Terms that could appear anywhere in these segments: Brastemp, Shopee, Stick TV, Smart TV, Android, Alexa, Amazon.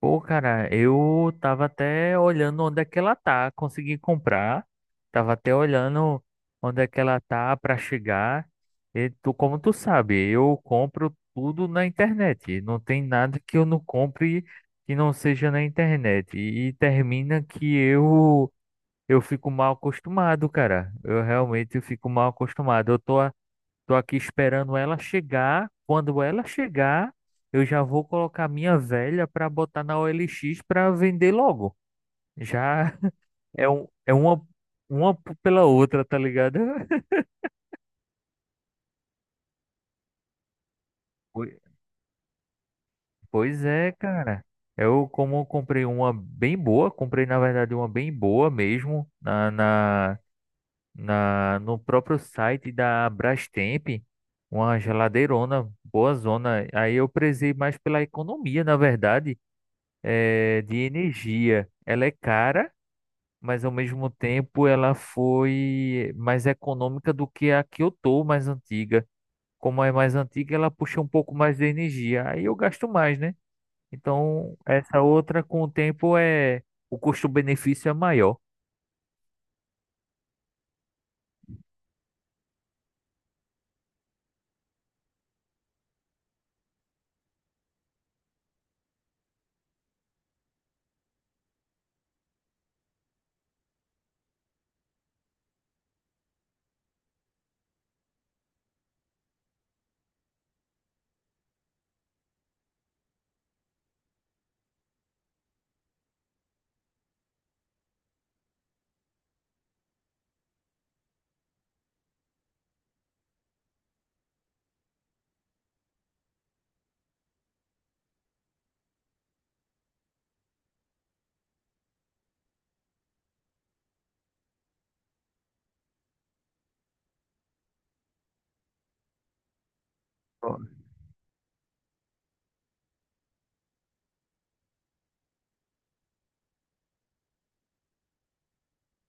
Pô, cara, eu tava até olhando onde é que ela tá, consegui comprar. Tava até olhando onde é que ela tá pra chegar. E tu, como tu sabe, eu compro tudo na internet. Não tem nada que eu não compre que não seja na internet. E, termina que eu fico mal acostumado, cara. Eu realmente fico mal acostumado. Eu tô Tô aqui esperando ela chegar. Quando ela chegar, eu já vou colocar minha velha para botar na OLX para vender logo. Já é, um, uma pela outra, tá ligado? Poi- Pois é, cara. Eu, como eu comprei uma bem boa, comprei na verdade uma bem boa mesmo na no próprio site da Brastemp, uma geladeirona, boa zona. Aí eu prezei mais pela economia, na verdade. De energia. Ela é cara, mas ao mesmo tempo ela foi mais econômica do que a que eu tô, mais antiga. Como é mais antiga, ela puxa um pouco mais de energia. Aí eu gasto mais, né? Então, essa outra com o tempo é o custo-benefício é maior.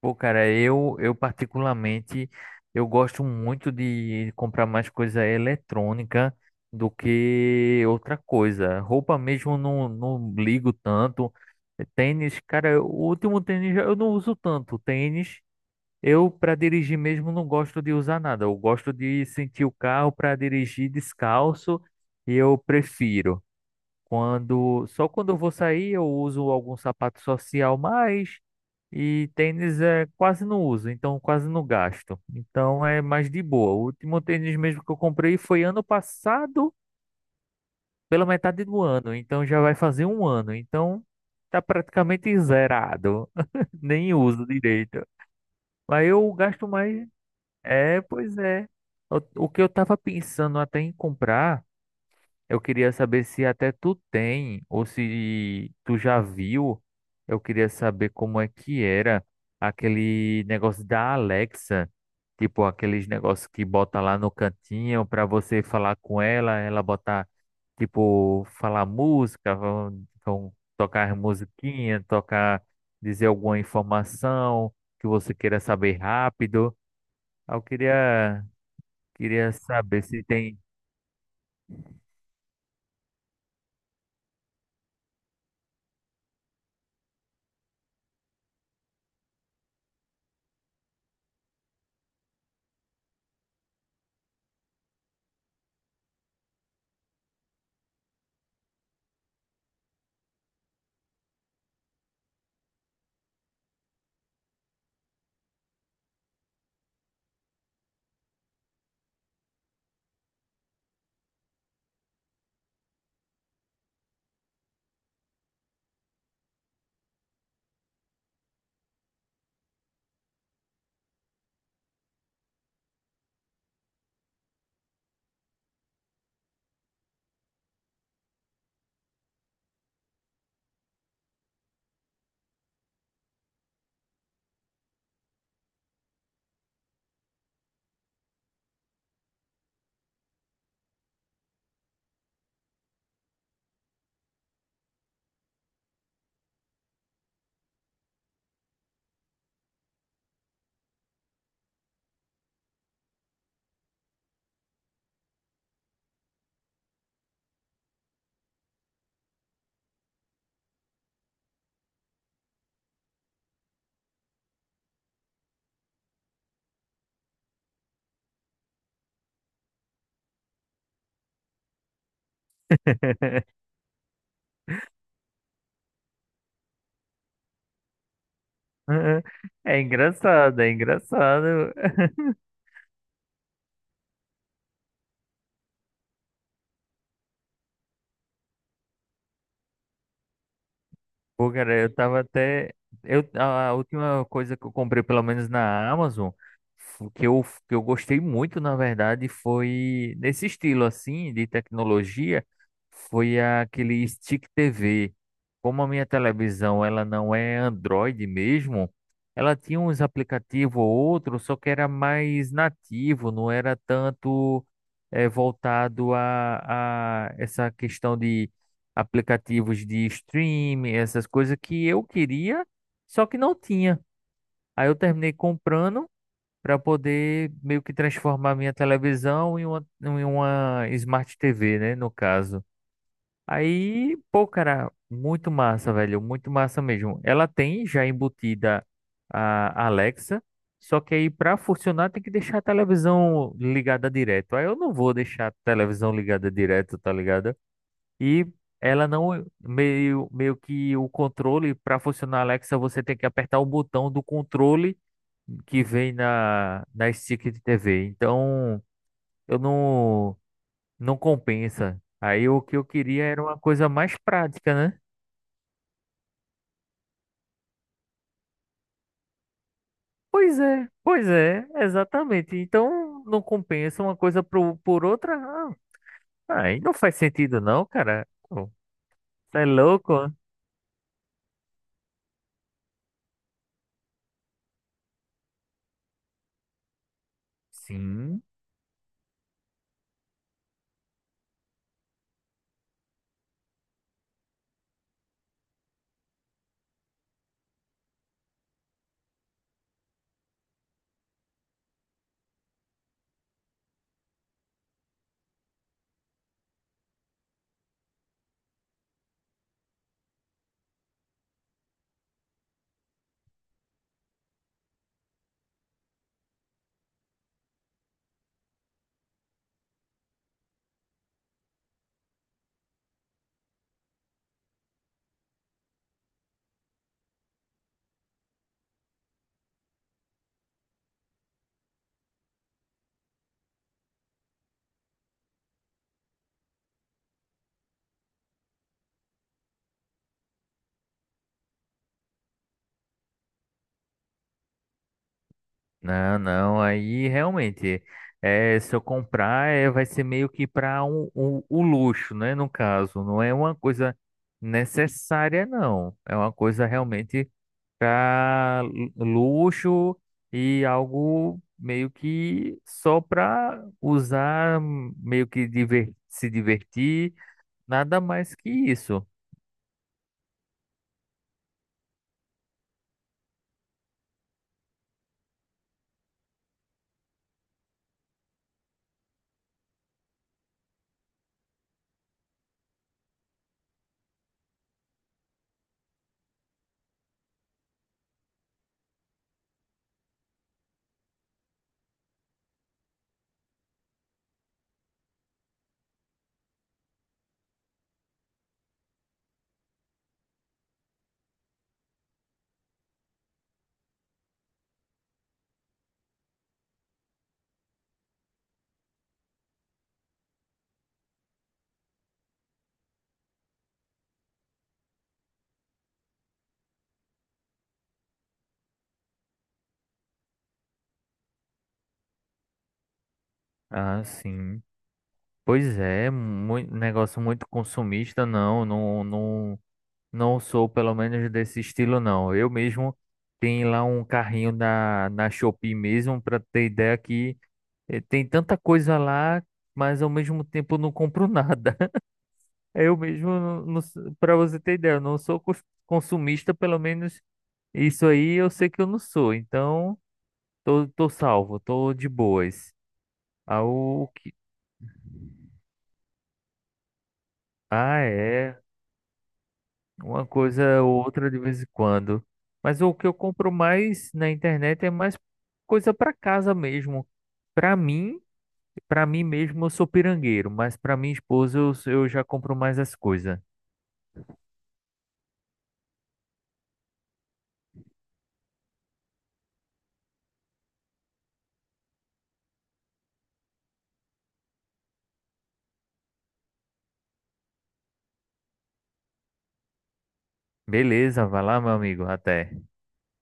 Pô, cara, eu particularmente, eu gosto muito de comprar mais coisa eletrônica do que outra coisa. Roupa mesmo eu não ligo tanto. Tênis, cara, o último tênis eu não uso tanto. Tênis, eu para dirigir mesmo não gosto de usar nada. Eu gosto de sentir o carro para dirigir descalço e eu prefiro. Só quando eu vou sair eu uso algum sapato social mais e tênis é quase não uso, então quase não gasto. Então é mais de boa. O último tênis mesmo que eu comprei foi ano passado, pela metade do ano, então já vai fazer um ano. Então tá praticamente zerado, nem uso direito. Mas eu gasto mais. É, pois é. O que eu tava pensando até em comprar. Eu queria saber se até tu tem ou se tu já viu. Eu queria saber como é que era aquele negócio da Alexa, tipo aqueles negócios que bota lá no cantinho para você falar com ela, ela botar tipo falar música, vão tocar musiquinha, tocar dizer alguma informação que você queira saber rápido. Eu queria queria saber se tem. É engraçado, é engraçado. Pô, cara, eu tava até. Eu, a última coisa que eu comprei, pelo menos na Amazon, que eu gostei muito, na verdade, foi nesse estilo assim, de tecnologia, foi aquele Stick TV. Como a minha televisão ela não é Android mesmo, ela tinha uns aplicativos ou outro, só que era mais nativo, não era tanto voltado a essa questão de aplicativos de streaming, essas coisas que eu queria, só que não tinha. Aí eu terminei comprando para poder meio que transformar minha televisão em uma Smart TV, né, no caso. Aí, pô, cara, muito massa, velho, muito massa mesmo. Ela tem já embutida a Alexa, só que aí para funcionar tem que deixar a televisão ligada direto. Aí eu não vou deixar a televisão ligada direto, tá ligado? E ela não meio que o controle para funcionar a Alexa, você tem que apertar o botão do controle que vem na stick de TV. Então, eu não não compensa. Aí o que eu queria era uma coisa mais prática, né? Pois é, exatamente. Então, não compensa uma coisa pro, por outra. Ah, aí não faz sentido não, cara. Pô, tá é louco? Né? Sim. Não, não, aí realmente, é, se eu comprar, é, vai ser meio que para um, o luxo, né? No caso, não é uma coisa necessária, não. É uma coisa realmente para luxo e algo meio que só para usar, meio que se divertir, nada mais que isso. Ah, sim. Pois é, negócio muito consumista, não, não, não. Não sou, pelo menos, desse estilo, não. Eu mesmo tenho lá um carrinho na Shopee mesmo, para ter ideia que tem tanta coisa lá, mas ao mesmo tempo eu não compro nada. Eu mesmo, para você ter ideia, eu não sou consumista, pelo menos isso aí eu sei que eu não sou. Então, tô, tô salvo, tô de boas. Ah, o que... ah, é. Uma coisa ou outra de vez em quando. Mas o que eu compro mais na internet é mais coisa para casa mesmo. Para mim, para mim mesmo, eu sou pirangueiro, mas para minha esposa eu já compro mais as coisas. Beleza, vai lá, meu amigo. Até.